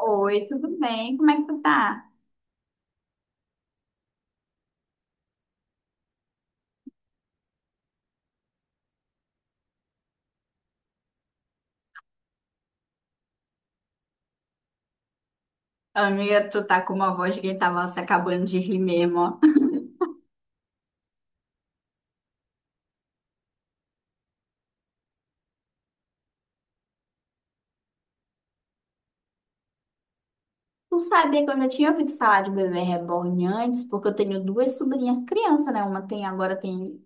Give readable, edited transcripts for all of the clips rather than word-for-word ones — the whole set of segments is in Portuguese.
Oi, tudo bem? Como é que tu tá? Amiga, tu tá com uma voz que tava se acabando de rir mesmo, ó. Tu sabia que eu já tinha ouvido falar de bebê reborn antes, porque eu tenho duas sobrinhas criança, né? Uma tem agora tem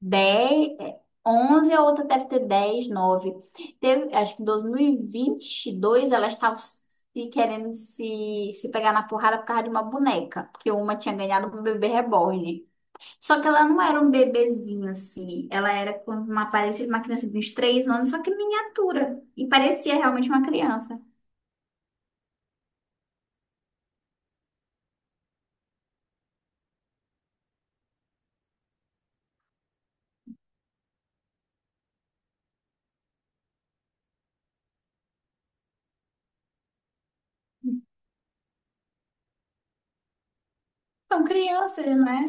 10, 11, a outra deve ter 10, 9. Acho que em dois mil e vinte e dois elas estavam se querendo se, se pegar na porrada por causa de uma boneca, porque uma tinha ganhado um bebê reborn. Só que ela não era um bebezinho assim. Ela era com uma aparência de uma criança de uns três anos, só que miniatura. E parecia realmente uma criança. São crianças, né?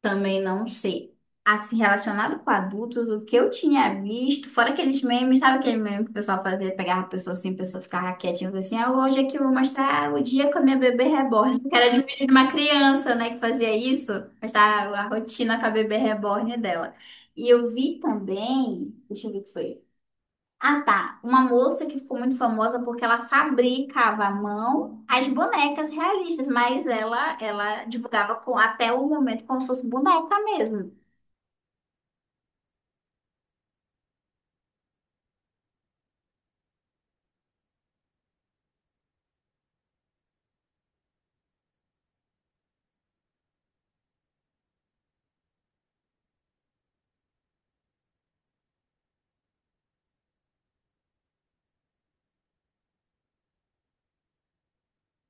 Também não sei. Assim, relacionado com adultos, o que eu tinha visto, fora aqueles memes, sabe aquele meme que o pessoal fazia, pegava a pessoa assim, a pessoa ficava quietinha, falava assim, ah, hoje aqui eu vou mostrar o dia com a minha bebê reborn. Que era de um vídeo de uma criança, né, que fazia isso, mostrar a rotina com a bebê reborn dela. E eu vi também, deixa eu ver o que foi. Ah, tá. Uma moça que ficou muito famosa porque ela fabricava à mão as bonecas realistas, mas ela divulgava com, até o momento como se fosse boneca mesmo.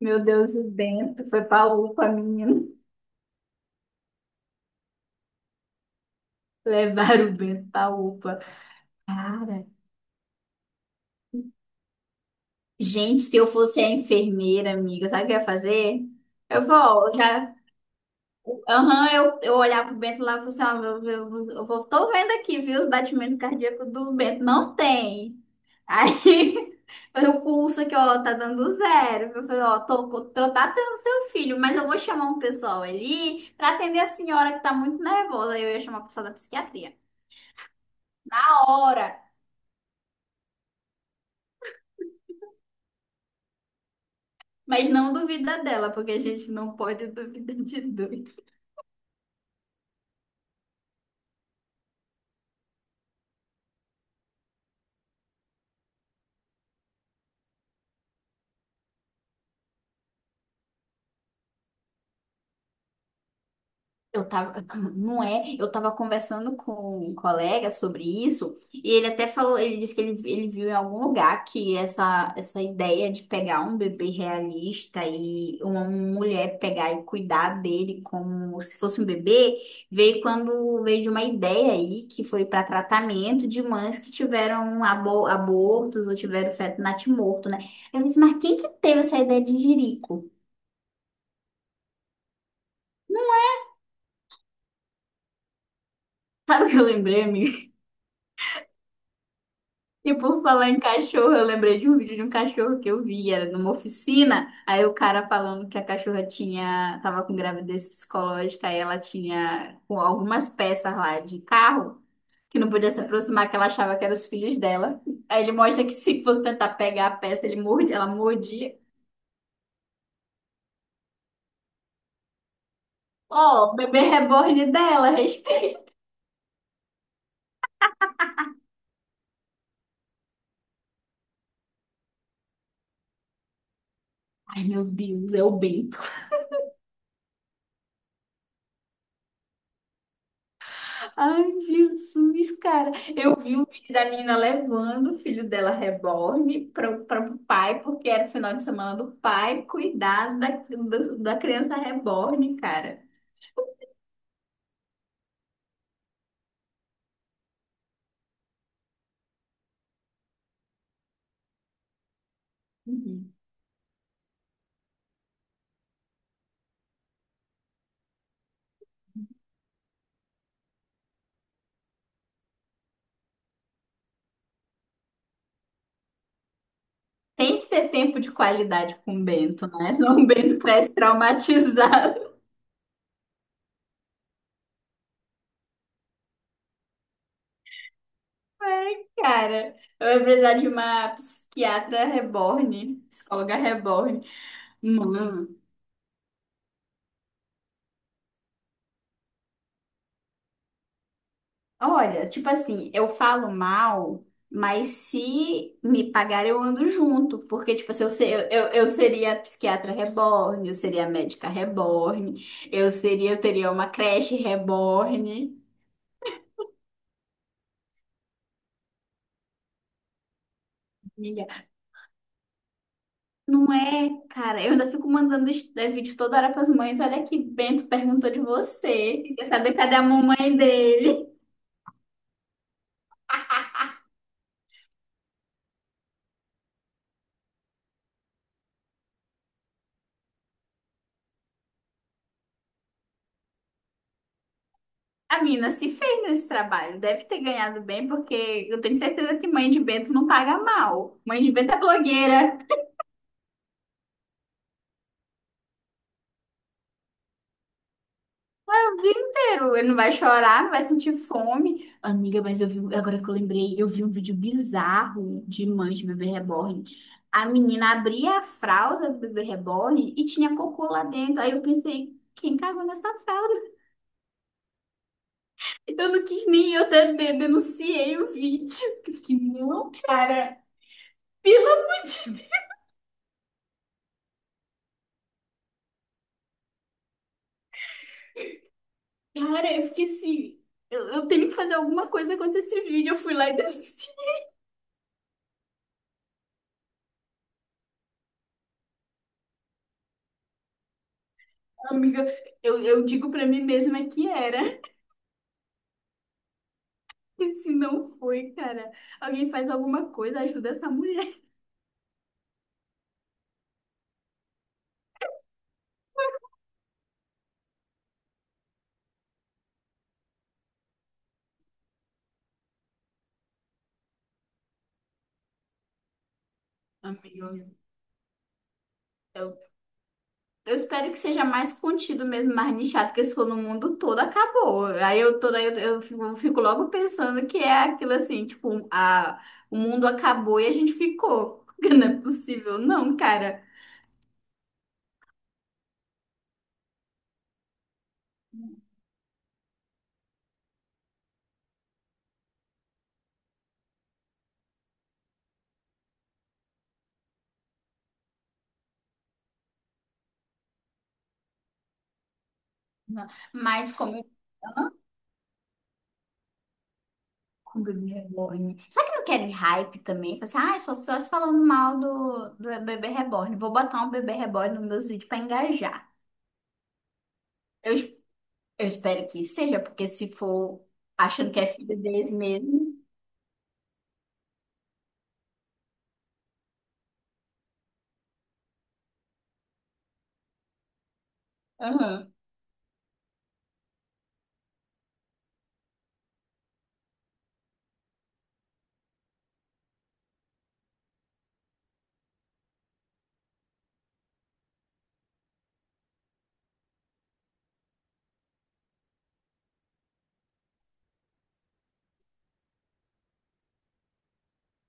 Meu Deus, o Bento foi pra UPA, menino. Levaram o Bento pra UPA. Cara, gente, se eu fosse a enfermeira, amiga, sabe o que eu ia fazer? Eu vou, ó, já. Aham, eu olhava pro Bento lá e falava assim: ó, eu vou, tô vendo aqui, viu, os batimentos cardíacos do Bento. Não tem. Aí eu pulso aqui, ó, tá dando zero. Eu falei, ó, tô tratando seu filho, mas eu vou chamar um pessoal ali pra atender a senhora que tá muito nervosa. Aí Eu ia chamar o pessoal da psiquiatria. A hora, mas não duvida dela, porque a gente não pode duvidar de doido. Eu tava, não é? Eu tava conversando com um colega sobre isso e ele até falou, ele disse que ele viu em algum lugar que essa ideia de pegar um bebê realista e uma mulher pegar e cuidar dele como se fosse um bebê, veio quando veio de uma ideia aí que foi para tratamento de mães que tiveram abortos ou tiveram feto natimorto, né? Eu disse, mas quem que teve essa ideia de jirico? Sabe o que eu lembrei, amigo? E por falar em cachorro, eu lembrei de um vídeo de um cachorro que eu vi, era numa oficina, aí o cara falando que a cachorra tinha, tava com gravidez psicológica, aí ela tinha com algumas peças lá de carro que não podia se aproximar, que ela achava que eram os filhos dela. Aí ele mostra que se fosse tentar pegar a peça, ele morde, ela mordia. Ó, o bebê reborn dela, respeita. Ai, meu Deus, é o Bento. Ai, Jesus, cara. Eu vi um vídeo da menina levando o filho dela reborn para o pai, porque era o final de semana do pai cuidar da, da criança reborn, cara. Uhum. Tem que ter tempo de qualidade com o Bento, né? Senão o Bento cresce traumatizado, cara. Eu ia precisar de uma psiquiatra reborn, psicóloga reborn. Mano. Olha, tipo assim, eu falo mal, mas se me pagar, eu ando junto. Porque, tipo assim, eu, se- eu seria psiquiatra reborn, eu seria médica reborn, eu teria uma creche reborn. Amiga, não é, cara, eu ainda fico mandando vídeo toda hora pras mães. Olha que Bento perguntou de você. Quer saber cadê a mamãe dele? A mina se fez nesse trabalho, deve ter ganhado bem, porque eu tenho certeza que mãe de Bento não paga mal. Mãe de Bento é blogueira. O dia inteiro. Ele não vai chorar, não vai sentir fome. Amiga, mas eu vi, agora que eu lembrei, eu vi um vídeo bizarro de mãe de bebê reborn. A menina abria a fralda do bebê reborn e tinha cocô lá dentro. Aí eu pensei, quem cagou nessa fralda? Eu não quis nem, Eu até denunciei o vídeo. Eu fiquei, não, cara, pelo amor de Deus. Cara, eu fiquei assim, eu tenho que fazer alguma coisa contra esse vídeo. Eu fui lá e denunciei. Amiga, eu digo pra mim mesma que era. Se não foi, cara, alguém faz alguma coisa, ajuda essa mulher. Amigo, eu, eu espero que seja mais contido mesmo, mais nichado, porque se for no mundo todo, acabou. Aí eu toda eu fico logo pensando que é aquilo assim, tipo, a, o mundo acabou e a gente ficou. Porque não é possível, não, cara. Não. Mas como eu amo bebê reborn. Será que não querem hype também? Fala assim, ah, só estás falando mal do bebê reborn. Vou botar um bebê reborn nos meus vídeos pra engajar. Eu Eu espero que seja, porque se for achando que é filho deles mesmo, aham,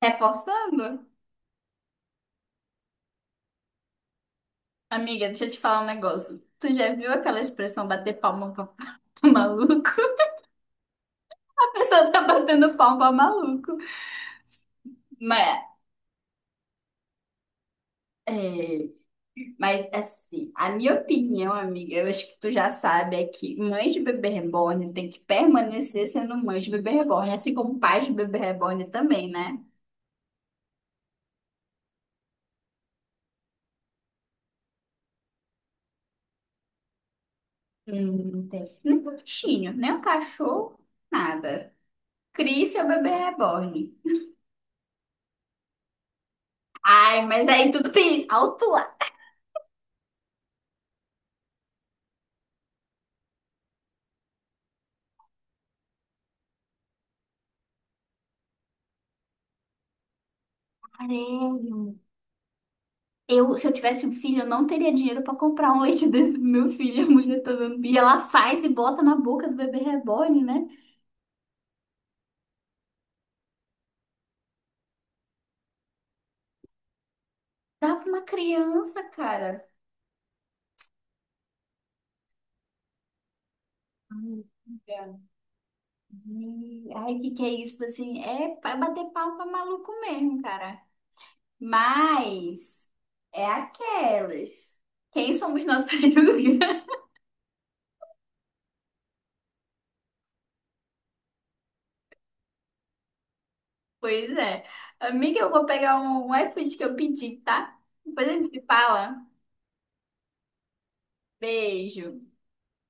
reforçando. Amiga, deixa eu te falar um negócio. Tu já viu aquela expressão bater palma pra maluco? A pessoa tá batendo palma pra maluco. Mas, é, mas assim, a minha opinião, amiga, eu acho que tu já sabe, é que mãe de bebê reborn tem que permanecer sendo mãe de bebê reborn, assim como pai de bebê reborn também, né? Não tem. Nem um bichinho, nem um cachorro, nada. Crie seu bebê reborn. Ai, mas aí tudo tem alto lá. Caralho. Eu, se eu tivesse um filho, eu não teria dinheiro pra comprar um leite desse pro meu filho. A mulher tá dando. E ela faz e bota na boca do bebê reborn, né? Dá pra uma criança, cara. Ai, cara. Ai, que é isso? Tipo assim, é pra bater palma pra maluco mesmo, cara. Mas é aquelas. Quem somos nós para julgar? Pois é. Amiga, eu vou pegar um iFood que eu pedi, tá? Depois a gente se fala. Beijo.